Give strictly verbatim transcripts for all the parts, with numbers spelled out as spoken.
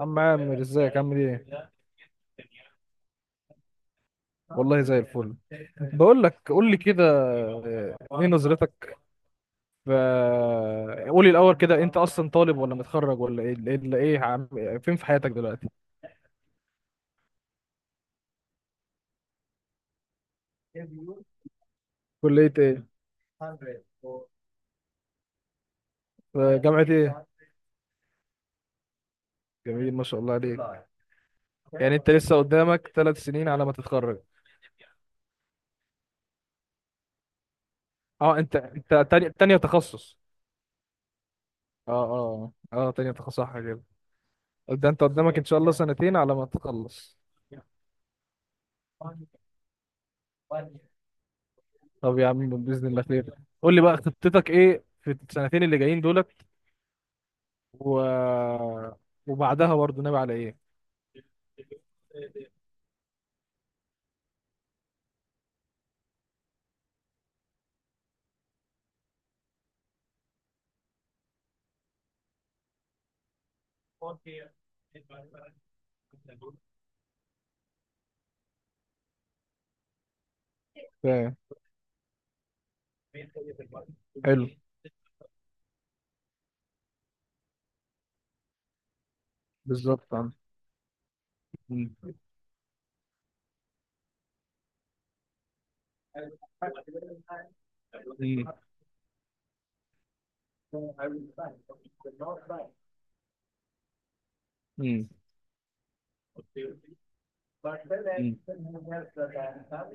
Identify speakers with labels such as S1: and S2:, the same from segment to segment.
S1: عم عامر، ازيك؟ عامل ايه؟ والله زي الفل. بقول لك، قول لي كده، ايه نظرتك في آه، قولي الاول كده، انت اصلا طالب ولا متخرج ولا ايه ايه ايه إيه عم... فين في حياتك دلوقتي؟ كلية ايه؟ في جامعة ايه؟ جميل، ما شاء الله عليك. يعني انت لسه قدامك ثلاث سنين على ما تتخرج. اه، انت انت تاني تانية تخصص. اه اه اه اه، تانية تخصص، صح كده. ده انت قدامك ان شاء الله سنتين على ما تخلص. طب يا عم، باذن الله خير. قول لي بقى، خطتك ايه في السنتين اللي جايين دول و... وبعدها برضه ناوي على ايه؟ فاهم. حلو. بالظبط، عم. مم. مم. مم. مم.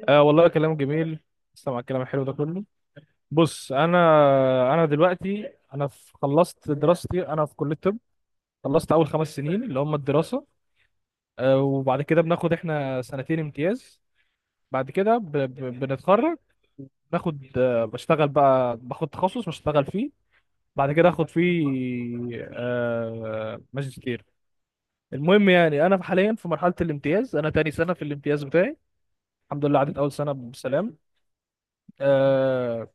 S1: آه، والله كلام جميل. استمع الكلام الحلو ده كله. بص، انا انا دلوقتي، انا في، خلصت دراستي، انا في كليه الطب. خلصت اول خمس سنين اللي هم الدراسه. آه، وبعد كده بناخد احنا سنتين امتياز. بعد كده ب... ب... بنتخرج. ناخد آه، بشتغل بقى، باخد تخصص بشتغل فيه، بعد كده اخد فيه آه ماجستير. المهم يعني انا حاليا في مرحله الامتياز، انا تاني سنه في الامتياز بتاعي. الحمد لله، عدت اول سنه بسلام. آه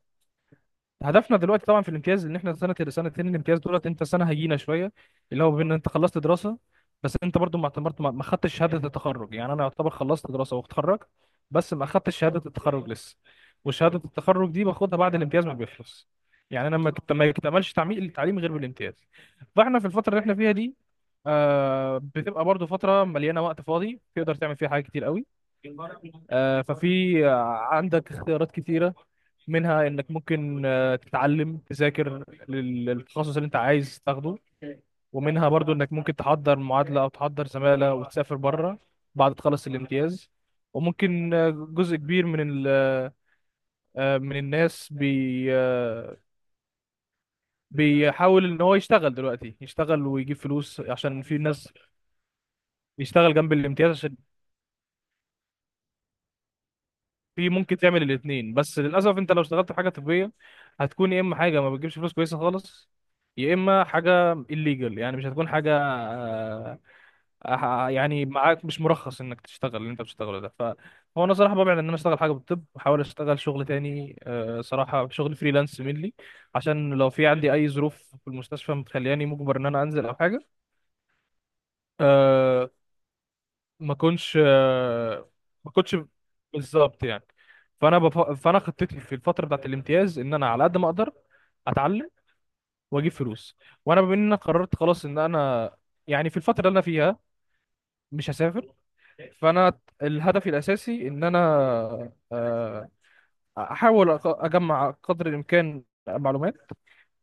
S1: هدفنا دلوقتي طبعا في الامتياز، ان احنا سنه، سنتين الامتياز دولت انت سنه هيجينا شويه، اللي هو بين انت خلصت دراسه، بس انت برضو ما اعتبرت، ما ما خدتش شهاده التخرج، يعني انا يعتبر خلصت دراسه واتخرج، بس ما خدتش شهاده التخرج لسه. وشهاده التخرج دي باخدها بعد الامتياز ما بيخلص، يعني انا ما كت- ما اكتملش تعميق التعليم غير بالامتياز. فاحنا في الفتره اللي احنا فيها دي، آه بتبقى برضو فتره مليانه وقت فاضي، تقدر تعمل فيها حاجات كتير قوي. آه ففي آه، عندك اختيارات كتيره. منها انك ممكن آه، تتعلم، تذاكر لل- للتخصص اللي انت عايز تاخده. ومنها برضو انك ممكن تحضر معادلة او تحضر زمالة وتسافر بره بعد تخلص الامتياز. وممكن آه، جزء كبير من ال آه، من الناس بي آه، بيحاول ان هو يشتغل دلوقتي، يشتغل ويجيب فلوس، عشان في ناس بيشتغل جنب الامتياز، عشان في ممكن تعمل الاثنين. بس للاسف انت لو اشتغلت في حاجه طبيه، هتكون يا اما حاجه ما بتجيبش فلوس كويسه خالص، يا اما حاجه الليجل، يعني مش هتكون حاجه آه، آه، آه، يعني معاك مش مرخص انك تشتغل اللي انت بتشتغله ده. فهو انا صراحه ببعد ان انا اشتغل حاجه بالطب، بحاول اشتغل شغل تاني، آه، صراحه شغل فريلانس منلي، عشان لو في عندي اي ظروف في المستشفى متخلياني مجبر ان انا انزل او حاجه، آه، ما كنتش آه، ما كنتش، بالظبط يعني. فانا بف... فانا خطتي في الفتره بتاعت الامتياز ان انا على قد ما اقدر اتعلم واجيب فلوس. وانا بما ان انا قررت خلاص ان انا، يعني في الفتره اللي انا فيها، مش هسافر، فانا الهدف الاساسي ان انا آه، احاول أق- اجمع قدر الامكان معلومات،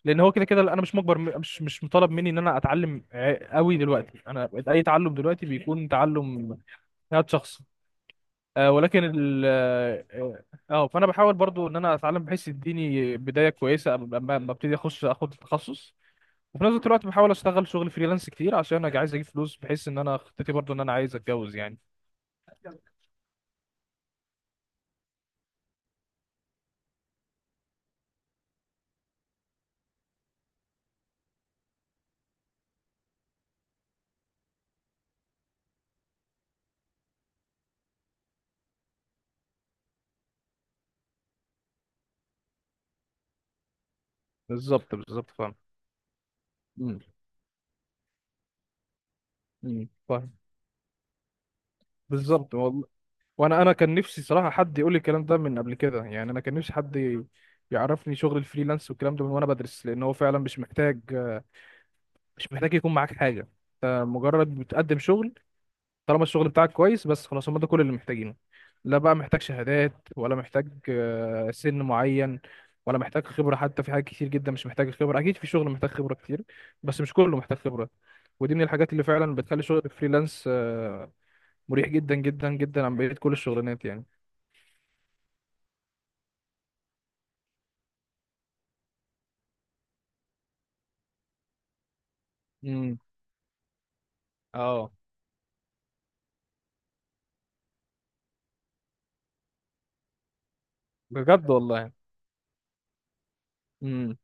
S1: لان هو كده كده انا مش مجبر، مش مش مطالب مني ان انا اتعلم ع- قوي دلوقتي، انا اي تعلم دلوقتي بيكون تعلم ذات شخص، آه، ولكن ال اه آه، فانا بحاول برضو ان انا اتعلم بحيث يديني بدايه كويسه قبل ما ما ابتدي اخش اخد التخصص. وفي نفس الوقت بحاول اشتغل شغل فريلانس كتير، عشان انا عايز اجيب فلوس، بحيث ان انا خطتي برضو ان انا عايز اتجوز يعني. بالظبط، بالظبط، فاهم. مم. مم. فاهم. بالظبط، والله. وانا انا كان نفسي صراحه حد يقول لي الكلام ده من قبل كده، يعني انا كان نفسي حد يعرفني شغل الفريلانس والكلام ده من وانا بدرس. لان هو فعلا مش محتاج، مش محتاج يكون معاك حاجه، انت مجرد بتقدم شغل، طالما الشغل بتاعك كويس بس، خلاص، هم ده كل اللي محتاجينه. لا بقى محتاج شهادات، ولا محتاج آه، سن معين، ولا محتاج خبرة حتى في حاجات كتير جدا. مش محتاج خبرة. أكيد في شغل محتاج خبرة كتير، بس مش كله محتاج خبرة. ودي من الحاجات اللي فعلا بتخلي شغل الفريلانس آه، مريح جدا جدا جدا عن بقية كل الشغلانات يعني. امم. اه، بجد؟ والله. امم.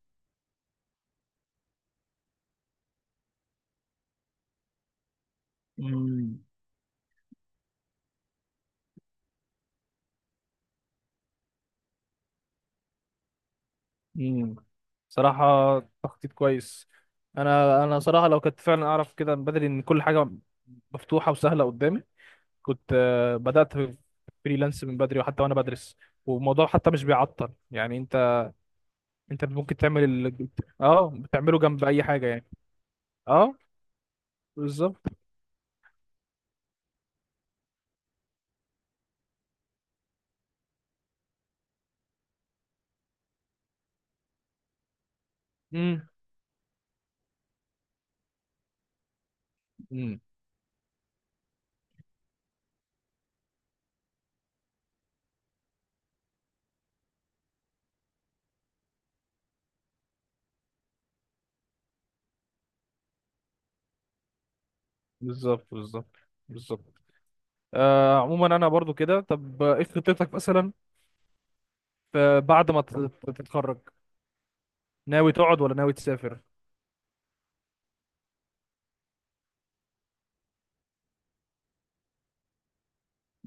S1: امم. امم. صراحة تخطيط كويس. انا انا صراحة لو كنت فعلا اعرف كده من بدري ان كل حاجة مفتوحة وسهلة قدامي، كنت آه، بدأت في فريلانس من بدري، وحتى وانا بدرس. والموضوع حتى مش بيعطل، يعني انت، انت ممكن تعمل ال... اه، بتعمله جنب اي حاجة يعني. اه، بالظبط. امم. امم. بالظبط، بالظبط، بالظبط. آه عموما انا برضو كده، طب آه، ايه خطتك مثلا في- بعد ما ت- ت- تتخرج؟ ناوي تقعد ولا ناوي تسافر؟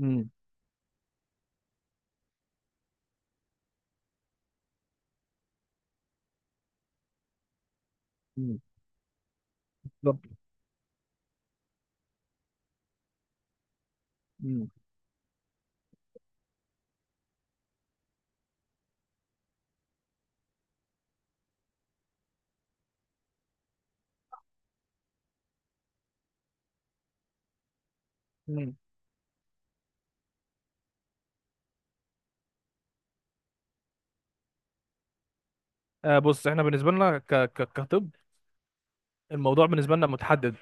S1: امم. امم. بالظبط. امم. امم. آه بص، احنا بالنسبة لنا ك... ك... كطب، الموضوع بالنسبة لنا متحدد،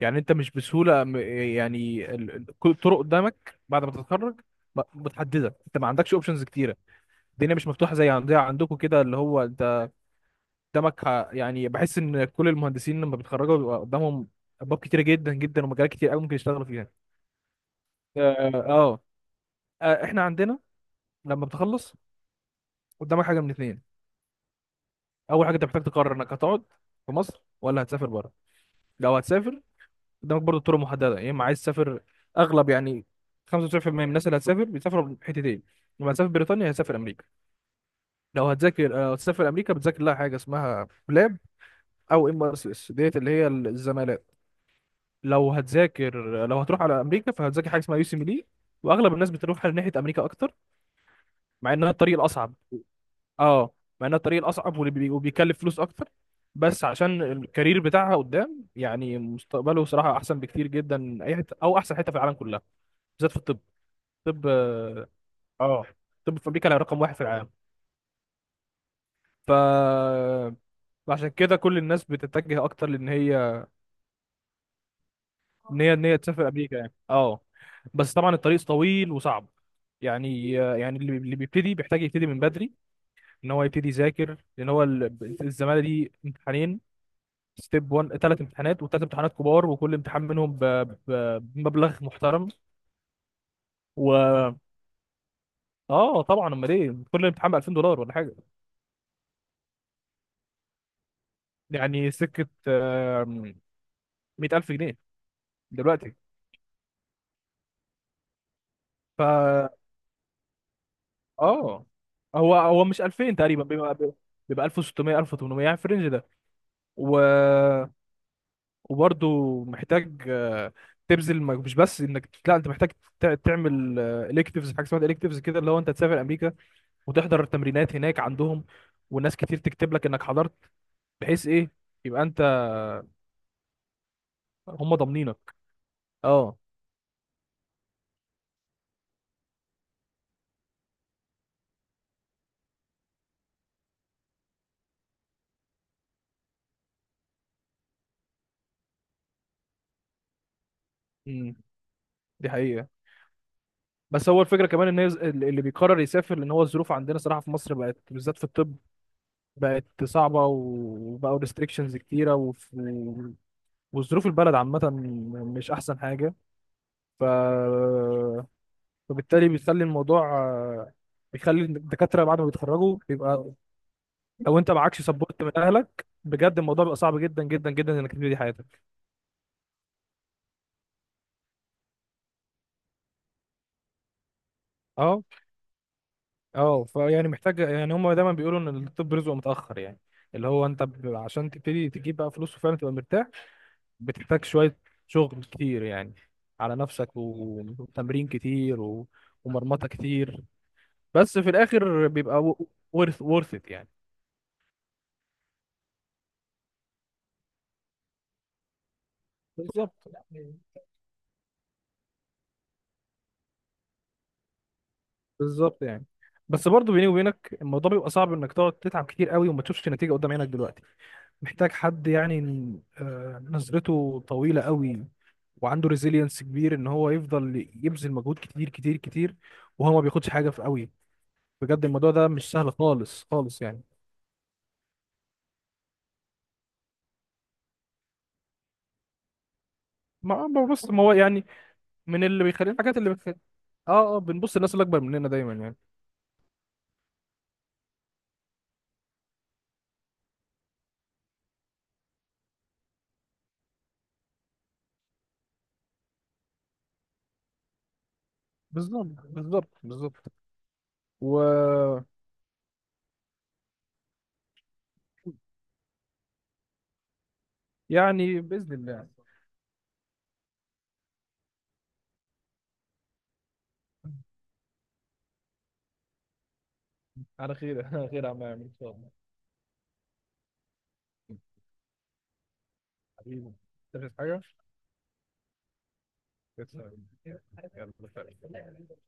S1: يعني انت مش بسهولة م- يعني ال- ال- كل الطرق قدامك بعد ما تتخرج م- متحددة، انت ما عندكش اوبشنز كتيرة. الدنيا مش مفتوحة زي عندها، عندكم كده اللي هو انت قدامك ه- يعني بحس ان كل المهندسين لما بيتخرجوا بيبقى قدامهم ابواب كتيرة جدا جدا ومجالات كتير قوي ممكن يشتغلوا فيها. اه، اه. اه، احنا عندنا لما بتخلص قدامك حاجة من اتنين. اول حاجة، انت محتاج تقرر انك هتقعد في مصر ولا هتسافر بره. لو هتسافر، قدامك برضه طرق محدده. يا اما عايز تسافر، اغلب يعني خمسة وتسعين في المية من الناس اللي هتسافر بيسافروا حتتين، لما هتسافر بريطانيا هتسافر امريكا. لو هتذاكر، لو هتسافر امريكا، بتذاكر لها حاجه اسمها بلاب او ام ار سي اس ديت، اللي هي الزمالات. لو هتذاكر، لو هتروح على امريكا، فهتذاكر حاجه اسمها يو سي ميلي. واغلب الناس بتروح ناحيه امريكا اكتر، مع انها الطريق الاصعب. اه، مع انها الطريق الاصعب واللي بي- وبيكلف فلوس اكتر، بس عشان الكارير بتاعها قدام يعني، مستقبله صراحه احسن بكتير جدا من اي حته، او احسن حته في العالم كلها، بالذات في الطب. طب. اه، طب في امريكا رقم واحد في العالم. ف، عشان كده كل الناس بتتجه اكتر لان هي ان هي ان هي تسافر امريكا يعني، اه. بس طبعا الطريق طويل وصعب، يعني يعني اللي اللي بيبتدي بيحتاج يبتدي من بدري، ان هو يبتدي يذاكر، لان هو ال- الزماله دي امتحانين، ستيب واحد، ثلاث امتحانات وثلاث امتحانات كبار، وكل امتحان منهم ب... ب... بمبلغ محترم. و، اه طبعا، امال ايه، كل امتحان ب ألفين دولار ولا حاجه، يعني سكه، آم، مية ألف جنيه دلوقتي. فا، اه، هو هو مش ألفين تقريبا، بيبقى، بيبقى ألف وستمية، ألف وتمنمية يعني في الرينج ده و... وبرضه محتاج آه، تبذل مج- مش بس انك، لا انت محتاج تع- تعمل الكتيفز، حاجه اسمها الكتيفز كده، اللي هو انت تسافر امريكا وتحضر التمرينات هناك عندهم، وناس كتير تكتب لك انك حضرت، بحيث ايه، يبقى انت هم ضامنينك. اه. امم. دي حقيقه. بس هو الفكره كمان ان هي ز- اللي بيقرر يسافر، لان هو الظروف عندنا صراحه في مصر بقت، بالذات في الطب بقت صعبة، وبقوا ريستريكشنز كتيرة، وف... وظروف البلد عامة مش أحسن حاجة. ف... فبالتالي بيخلي الموضوع آه، بيخلي الدكاترة بعد ما بيتخرجوا بيبقى، لو أنت معكش سبورت من أهلك بجد، الموضوع بيبقى صعب جدا جدا جدا إنك تبتدي حياتك. اه، اه، فيعني محتاج يعني، هم دايما بيقولوا إن الطب رزقه متأخر، يعني اللي هو أنت ب... عشان تبتدي تجيب بقى فلوس وفعلا تبقى مرتاح، بتحتاج شوية، شغل كتير يعني على نفسك، و- وتمرين كتير و... ومرمطة كتير، بس في الآخر بيبقى ورث ورث ات يعني. بالظبط، بالظبط يعني، بس برضه بيني وبينك الموضوع بيبقى صعب انك تقعد تتعب كتير قوي وما تشوفش نتيجة قدام عينك دلوقتي. محتاج حد يعني آه، نظرته طويلة قوي وعنده ريزيلينس كبير، ان هو يفضل يبذل مجهود كتير كتير كتير وهو ما بياخدش حاجة في قوي. بجد الموضوع ده مش سهل خالص خالص يعني. ما ما- بص، ما هو يعني، من اللي بيخلي الحاجات اللي بتخلي، اه، اه، بنبص الناس اللي اكبر مننا دايما يعني. بالظبط، بالظبط، بالظبط. و، يعني باذن الله. على خير. على خير يا عم عامر، ان شاء الله. حبيبي. تفهم حاجه. يلا. سلام.